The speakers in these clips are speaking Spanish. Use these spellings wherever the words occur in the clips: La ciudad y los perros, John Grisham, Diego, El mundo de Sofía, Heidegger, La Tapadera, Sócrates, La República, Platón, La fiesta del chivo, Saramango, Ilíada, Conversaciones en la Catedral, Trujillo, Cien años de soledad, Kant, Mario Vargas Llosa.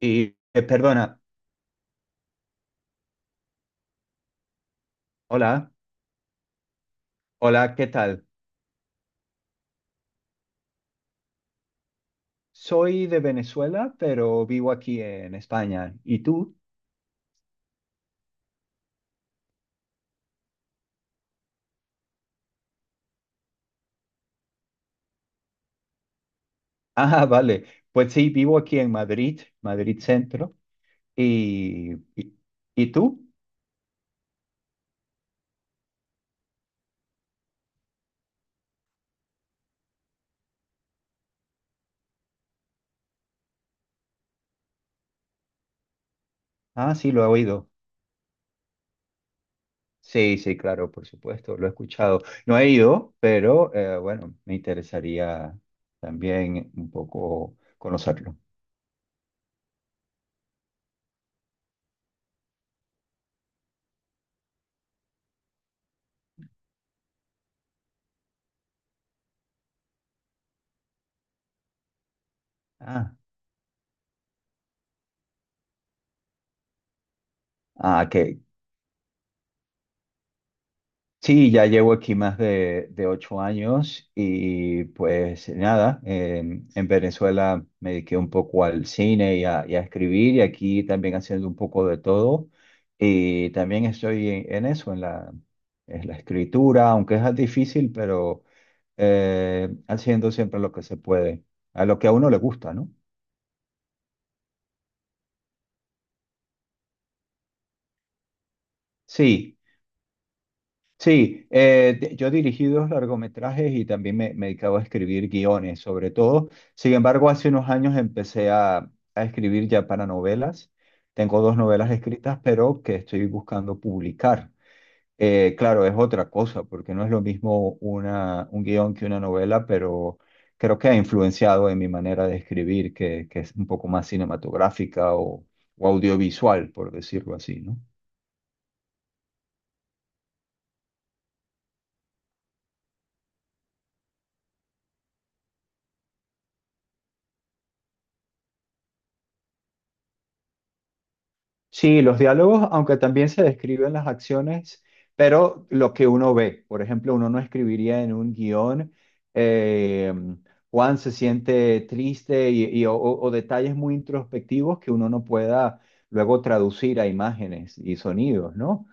Y perdona, hola, hola, ¿qué tal? Soy de Venezuela, pero vivo aquí en España. ¿Y tú? Ah, vale. Pues sí, vivo aquí en Madrid, Madrid Centro. ¿Y, y tú? Ah, sí, lo he oído. Sí, sí, claro, por supuesto, lo he escuchado. No he ido, pero bueno, me interesaría también un poco conocerlo. Ah, ah, qué. Sí, ya llevo aquí más de ocho años y pues nada, en Venezuela me dediqué un poco al cine y a escribir y aquí también haciendo un poco de todo y también estoy en eso, en la escritura, aunque es difícil, pero haciendo siempre lo que se puede, a lo que a uno le gusta, ¿no? Sí, sí, yo dirigí dos largometrajes y también me dedicaba a escribir guiones, sobre todo. Sin embargo, hace unos años empecé a escribir ya para novelas. Tengo dos novelas escritas, pero que estoy buscando publicar. Claro, es otra cosa, porque no es lo mismo un guión que una novela, pero creo que ha influenciado en mi manera de escribir, que es un poco más cinematográfica o audiovisual, por decirlo así, ¿no? Sí, los diálogos, aunque también se describen las acciones, pero lo que uno ve, por ejemplo, uno no escribiría en un guión, eh, Juan se siente triste o, o detalles muy introspectivos que uno no pueda luego traducir a imágenes y sonidos, ¿no?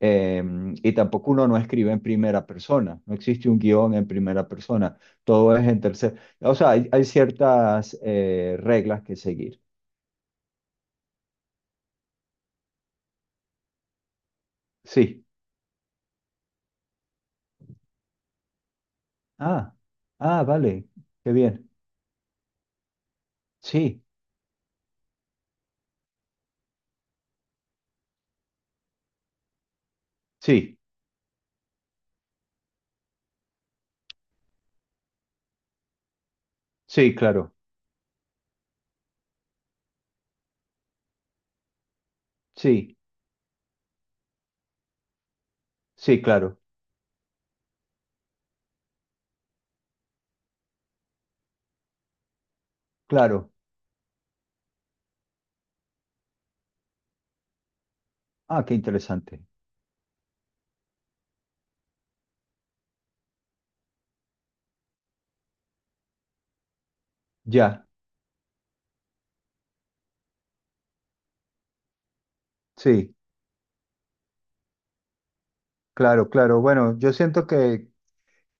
Eh, y tampoco uno no escribe en primera persona, no existe un guión en primera persona, todo es en tercera, o sea, hay ciertas reglas que seguir. Sí. Ah, ah, vale, qué bien. Sí, sí, sí, claro. Sí, sí, claro, claro. Ah, qué interesante. Ya, sí, claro, claro. Bueno, yo siento que,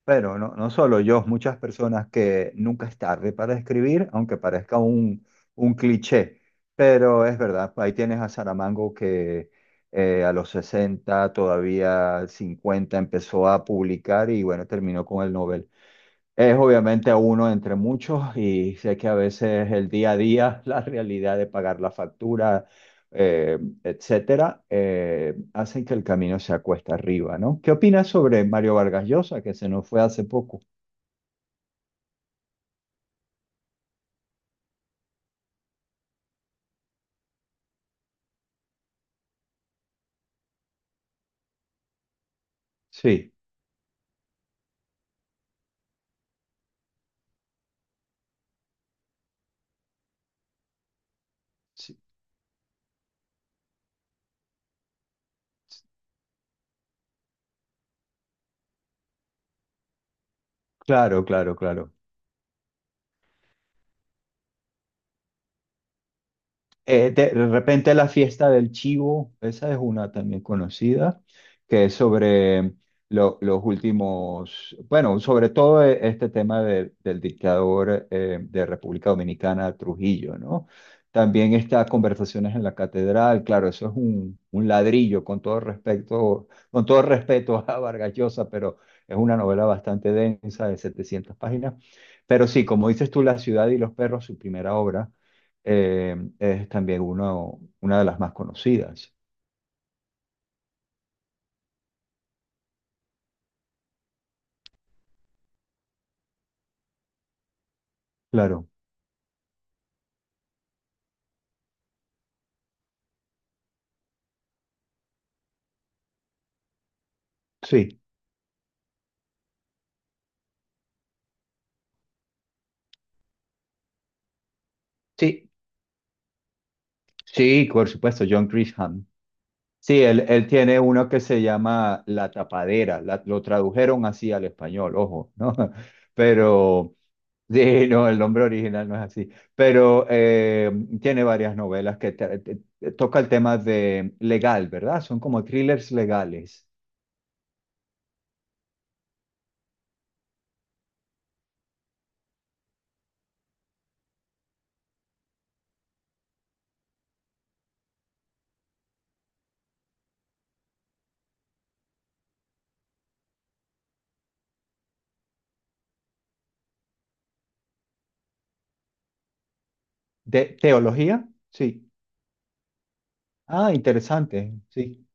pero no, no solo yo, muchas personas que nunca es tarde para escribir, aunque parezca un cliché, pero es verdad, ahí tienes a Saramango que a los 60 todavía 50 empezó a publicar y bueno, terminó con el Nobel. Es obviamente uno entre muchos y sé que a veces el día a día, la realidad de pagar la factura, etcétera, hacen que el camino sea cuesta arriba, ¿no? ¿Qué opinas sobre Mario Vargas Llosa, que se nos fue hace poco? Sí, sí, claro, claro, claro. De repente la fiesta del chivo, esa es una también conocida, que es sobre los últimos, bueno, sobre todo este tema del dictador de República Dominicana, Trujillo, ¿no? También está Conversaciones en la Catedral, claro, eso es un ladrillo con todo respecto, con todo respeto a Vargas Llosa, pero es una novela bastante densa de 700 páginas. Pero sí, como dices tú, La ciudad y los perros, su primera obra es también uno, una de las más conocidas. Claro, sí, sí, sí, por supuesto, John Grisham. Sí, él tiene uno que se llama La Tapadera, lo tradujeron así al español, ojo, ¿no? Pero, sí, no, el nombre original no es así, pero tiene varias novelas que tra- te- te- toca el tema de legal, ¿verdad? Son como thrillers legales. ¿De teología? Sí. Ah, interesante, sí,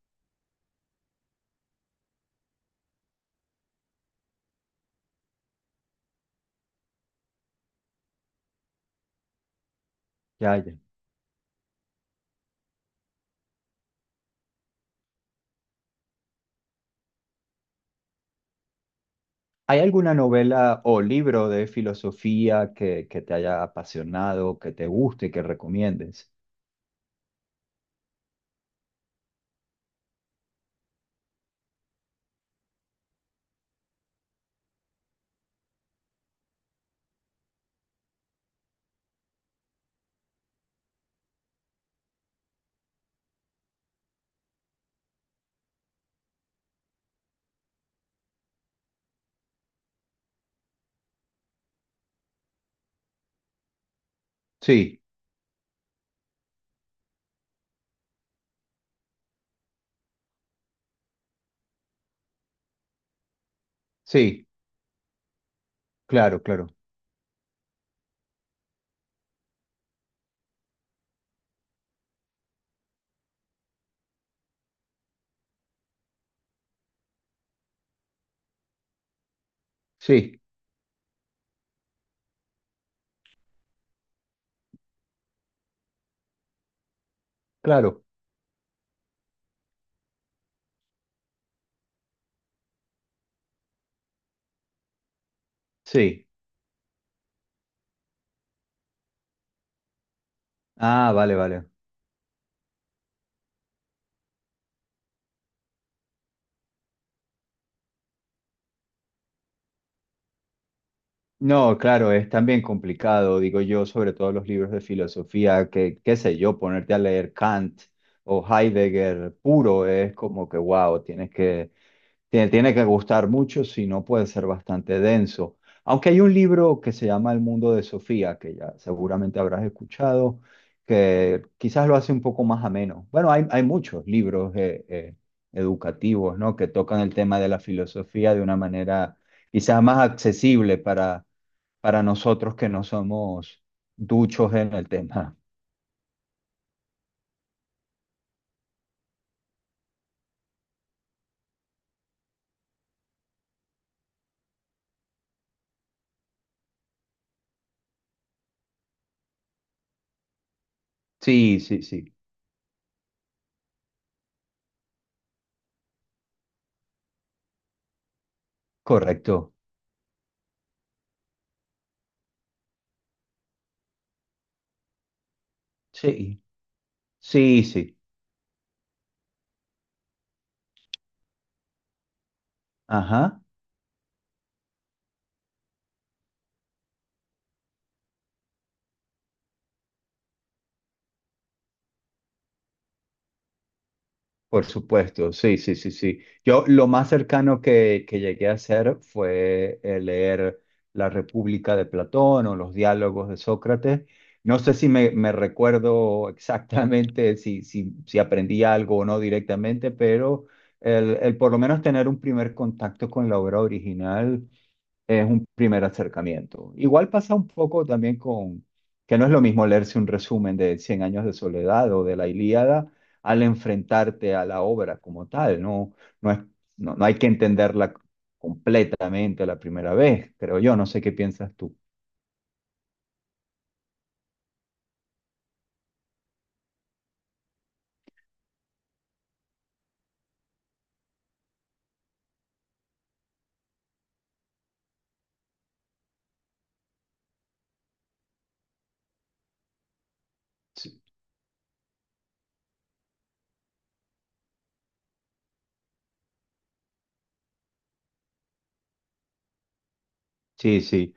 ya, ya. ¿Hay alguna novela o libro de filosofía que te haya apasionado, que te guste, que recomiendes? Sí, sí, claro, claro. Sí, claro, sí. Ah, vale, vale. No, claro, es también complicado, digo yo, sobre todo los libros de filosofía, que, qué sé yo, ponerte a leer Kant o Heidegger puro es como que, wow, tienes que. Tiene, tiene que gustar mucho, si no puede ser bastante denso. Aunque hay un libro que se llama El mundo de Sofía, que ya seguramente habrás escuchado, que quizás lo hace un poco más ameno. Bueno, hay muchos libros educativos, ¿no?, que tocan el tema de la filosofía de una manera quizás más accesible para nosotros que no somos duchos en el tema. Sí, sí, sí. Correcto. Sí, sí, sí. Ajá. Por supuesto, sí, sí, sí, sí. Yo lo más cercano que llegué a hacer fue leer La República de Platón o los diálogos de Sócrates. No sé si me, me recuerdo exactamente si, si, si aprendí algo o no directamente, pero el por lo menos tener un primer contacto con la obra original es un primer acercamiento. Igual pasa un poco también con que no es lo mismo leerse un resumen de Cien años de soledad o de la Ilíada al enfrentarte a la obra como tal, ¿no? No es, no, no hay que entenderla completamente la primera vez, creo yo, no sé qué piensas tú. Sí, sí. Sí.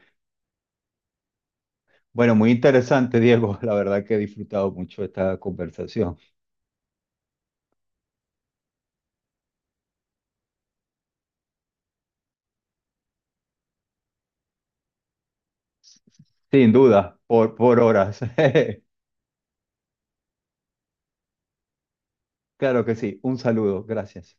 Bueno, muy interesante, Diego. La verdad que he disfrutado mucho esta conversación. Sin duda, por horas. Claro que sí. Un saludo. Gracias.